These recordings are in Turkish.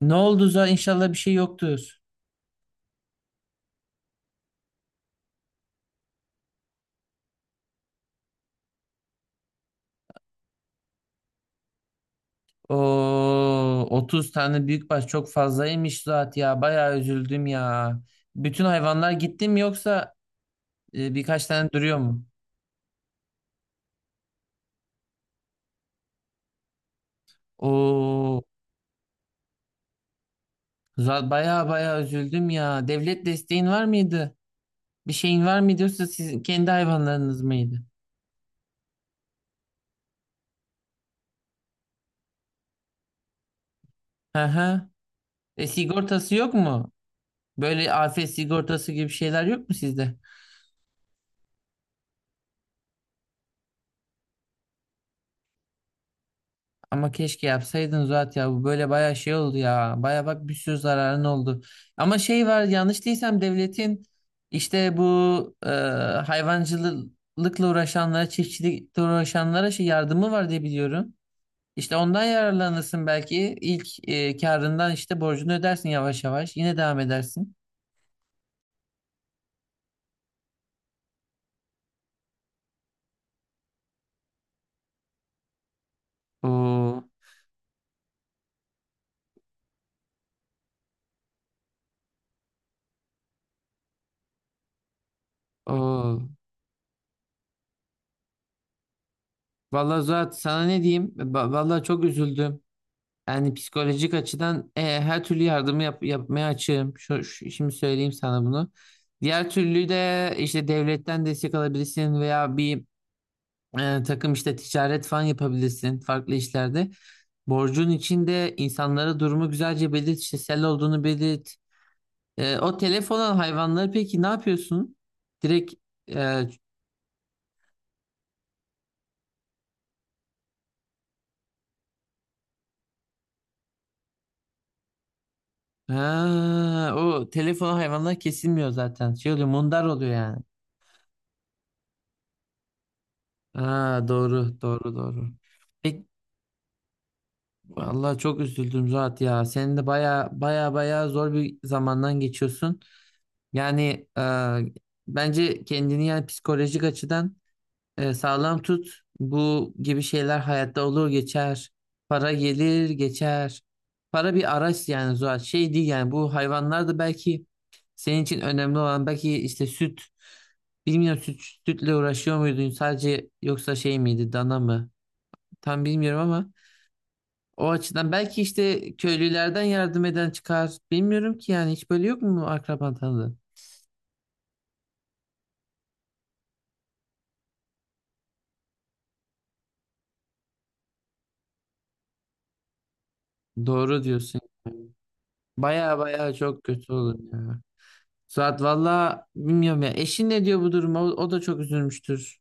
Ne oldu Zuhal? İnşallah bir şey yoktur. Oo, 30 tane büyükbaş çok fazlaymış Zuhat ya. Bayağı üzüldüm ya. Bütün hayvanlar gitti mi yoksa birkaç tane duruyor mu? Oo, Zuhat bayağı bayağı üzüldüm ya. Devlet desteğin var mıydı? Bir şeyin var mıydı yoksa sizin kendi hayvanlarınız mıydı? Hı hı. E, sigortası yok mu? Böyle afet sigortası gibi şeyler yok mu sizde? Ama keşke yapsaydın Zuhat ya. Bu böyle baya şey oldu ya. Baya bak bir sürü zararın oldu. Ama şey var yanlış değilsem devletin işte bu hayvancılıkla uğraşanlara, çiftçilikle uğraşanlara şey yardımı var diye biliyorum. İşte ondan yararlanırsın belki. İlk karından işte borcunu ödersin yavaş yavaş. Yine devam edersin. Oo, oo. Vallahi Zuhat sana ne diyeyim? Vallahi çok üzüldüm. Yani psikolojik açıdan her türlü yardımı yapmaya açığım. Şimdi söyleyeyim sana bunu. Diğer türlü de işte devletten destek alabilirsin veya bir takım işte ticaret falan yapabilirsin farklı işlerde. Borcun içinde insanlara durumu güzelce belirt, işte sel olduğunu belirt. E, o telef olan hayvanları peki ne yapıyorsun? Direkt e, ha, o telef olan hayvanlar kesilmiyor zaten. Şey oluyor, mundar oluyor yani. Ha, doğru, doğru, doğru. Peki, vallahi çok üzüldüm Zuhat ya. Senin de baya baya baya zor bir zamandan geçiyorsun. Yani bence kendini yani psikolojik açıdan sağlam tut. Bu gibi şeyler hayatta olur geçer. Para gelir geçer. Para bir araç yani Zuhat. Şey değil yani bu hayvanlar da belki senin için önemli olan belki işte süt. Bilmiyorum süt, sütle uğraşıyor muydun sadece yoksa şey miydi dana mı? Tam bilmiyorum ama. O açıdan belki işte köylülerden yardım eden çıkar. Bilmiyorum ki yani hiç böyle yok mu akraban tanıdığın? Doğru diyorsun. Baya baya çok kötü olur ya. Suat valla bilmiyorum ya. Eşin ne diyor bu duruma? O da çok üzülmüştür.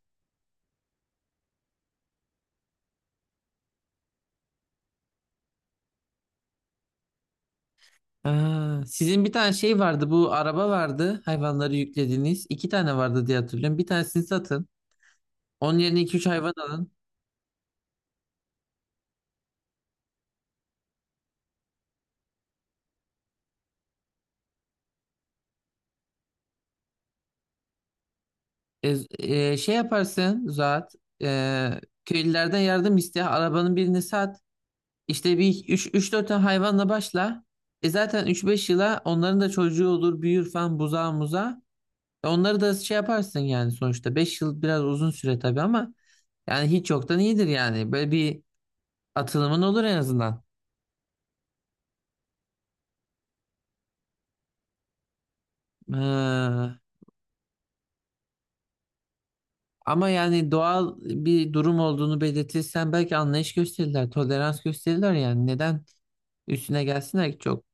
Aa, sizin bir tane şey vardı. Bu araba vardı. Hayvanları yüklediğiniz. İki tane vardı diye hatırlıyorum. Bir tanesini satın. Onun yerine iki üç hayvan alın. E, şey yaparsın Suat. E, köylülerden yardım iste. Arabanın birini sat. İşte bir üç dört tane hayvanla başla. E zaten üç beş yıla onların da çocuğu olur, büyür falan buzağa muza. E onları da şey yaparsın yani sonuçta. 5 yıl biraz uzun süre tabii ama yani hiç yoktan iyidir yani. Böyle bir atılımın olur en azından. Ee, ama yani doğal bir durum olduğunu belirtirsen belki anlayış gösterirler, tolerans gösterirler yani. Neden üstüne gelsinler ki çok?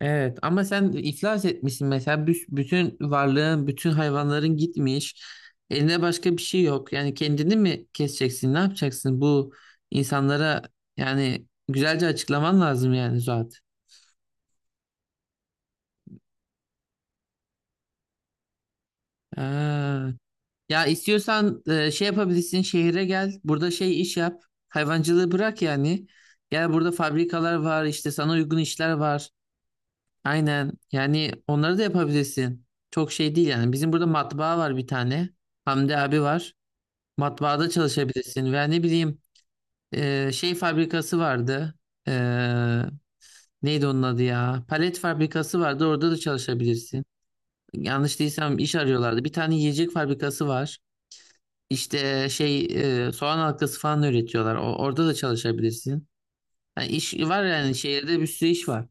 Evet ama sen iflas etmişsin mesela. Bütün varlığın, bütün hayvanların gitmiş. Eline başka bir şey yok. Yani kendini mi keseceksin? Ne yapacaksın? Bu insanlara yani güzelce açıklaman lazım yani Zuhat. Ha. Ya istiyorsan şey yapabilirsin şehire gel. Burada şey iş yap. Hayvancılığı bırak yani. Gel burada fabrikalar var işte sana uygun işler var. Aynen. Yani onları da yapabilirsin. Çok şey değil yani. Bizim burada matbaa var bir tane. Hamdi abi var. Matbaada çalışabilirsin. Veya ne bileyim şey fabrikası vardı. E, neydi onun adı ya? Palet fabrikası vardı. Orada da çalışabilirsin. Yanlış değilsem iş arıyorlardı. Bir tane yiyecek fabrikası var. İşte şey soğan halkası falan üretiyorlar. Orada da çalışabilirsin. Yani iş var yani şehirde bir sürü iş var.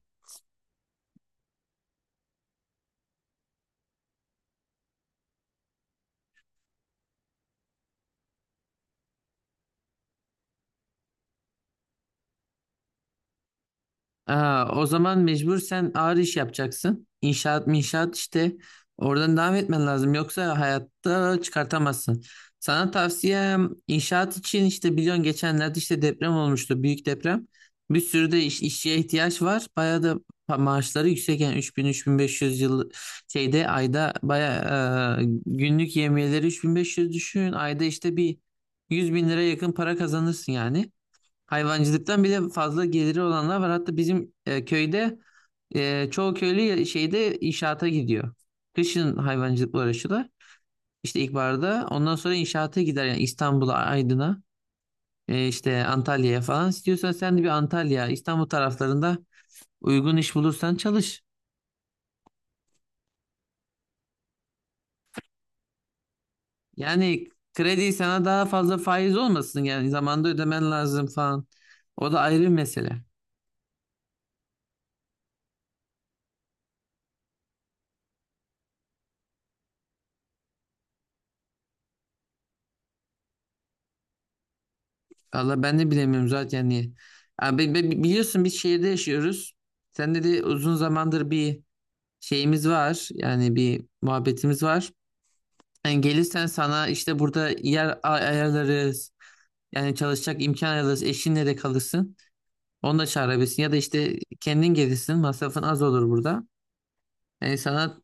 Aa, o zaman mecbur sen ağır iş yapacaksın. İnşaat işte oradan devam etmen lazım. Yoksa hayatta çıkartamazsın. Sana tavsiyem inşaat için işte biliyorsun geçenlerde işte deprem olmuştu. Büyük deprem. Bir sürü de işçiye ihtiyaç var. Bayağı da maaşları yüksek yani 3.000-3.500 yıl şeyde ayda bayağı günlük yemiyeleri 3500 düşün. Ayda işte bir 100 bin lira yakın para kazanırsın yani. Hayvancılıktan bir de fazla geliri olanlar var. Hatta bizim köyde çoğu köylü şeyde inşaata gidiyor. Kışın hayvancılıkla uğraşıyorlar. İşte ilkbaharda ondan sonra inşaata gider yani İstanbul'a, Aydın'a, işte Antalya'ya falan. İstiyorsan sen de bir Antalya, İstanbul taraflarında uygun iş bulursan çalış. Yani kredi sana daha fazla faiz olmasın yani zamanda ödemen lazım falan. O da ayrı bir mesele. Valla ben de bilemiyorum zaten niye. Abi, biliyorsun biz şehirde yaşıyoruz. Sen de de uzun zamandır bir şeyimiz var. Yani bir muhabbetimiz var. Yani gelirsen sana işte burada yer ayarlarız. Yani çalışacak imkan ayarlarız. Eşinle de kalırsın. Onu da çağırabilirsin. Ya da işte kendin gelirsin. Masrafın az olur burada. Yani sana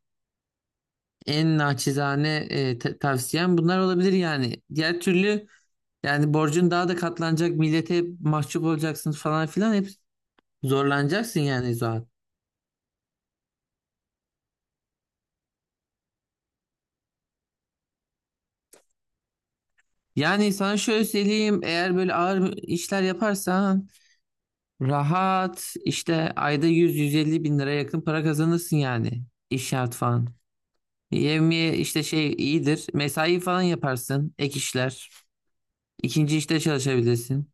en naçizane tavsiyem bunlar olabilir yani. Diğer türlü yani borcun daha da katlanacak. Millete mahcup olacaksın falan filan. Hep zorlanacaksın yani zaten. Yani sana şöyle söyleyeyim, eğer böyle ağır işler yaparsan rahat işte ayda yüz, 150 bin lira yakın para kazanırsın yani iş şart falan. Yevmiye işte şey iyidir, mesai falan yaparsın, ek işler ikinci işte çalışabilirsin.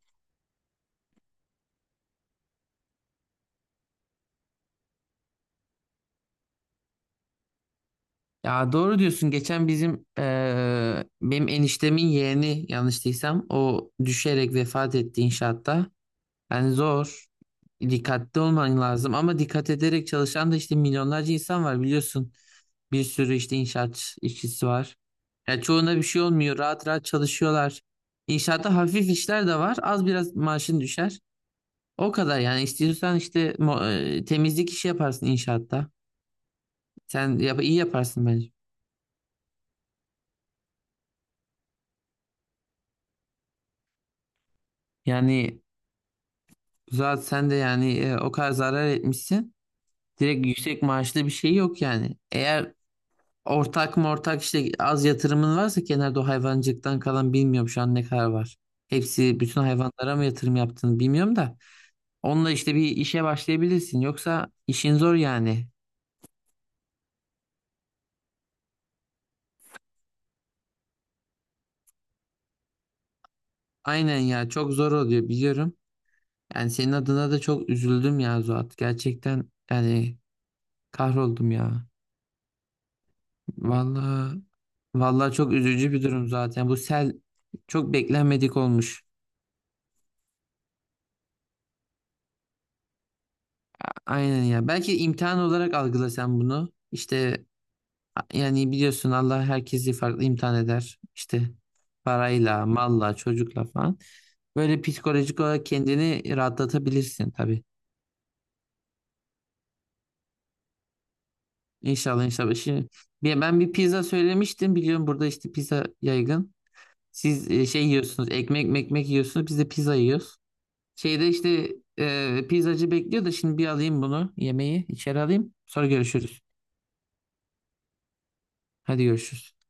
Ya doğru diyorsun geçen bizim benim eniştemin yeğeni yanlış değilsem o düşerek vefat etti inşaatta. Yani zor. Dikkatli olman lazım ama dikkat ederek çalışan da işte milyonlarca insan var biliyorsun. Bir sürü işte inşaat işçisi var. Ya çoğuna bir şey olmuyor. Rahat rahat çalışıyorlar. İnşaatta hafif işler de var. Az biraz maaşın düşer. O kadar yani istiyorsan işte temizlik işi yaparsın inşaatta. Sen yap iyi yaparsın bence. Yani zaten sen de yani o kadar zarar etmişsin. Direkt yüksek maaşlı bir şey yok yani. Eğer ortak mı ortak işte az yatırımın varsa kenarda o hayvancıktan kalan bilmiyorum şu an ne kadar var. Hepsi bütün hayvanlara mı yatırım yaptığını bilmiyorum da. Onunla işte bir işe başlayabilirsin. Yoksa işin zor yani. Aynen ya çok zor oluyor biliyorum. Yani senin adına da çok üzüldüm ya Zuhat. Gerçekten yani kahroldum ya. Vallahi vallahi çok üzücü bir durum zaten. Bu sel çok beklenmedik olmuş. Aynen ya. Belki imtihan olarak algılasan bunu. İşte yani biliyorsun Allah herkesi farklı imtihan eder. İşte parayla, malla, çocukla falan. Böyle psikolojik olarak kendini rahatlatabilirsin tabii. İnşallah inşallah. Şimdi ben bir pizza söylemiştim. Biliyorum burada işte pizza yaygın. Siz şey yiyorsunuz, ekmek yiyorsunuz. Biz de pizza yiyoruz. Şeyde işte pizzacı bekliyor da şimdi bir alayım bunu, yemeği içeri alayım. Sonra görüşürüz. Hadi görüşürüz.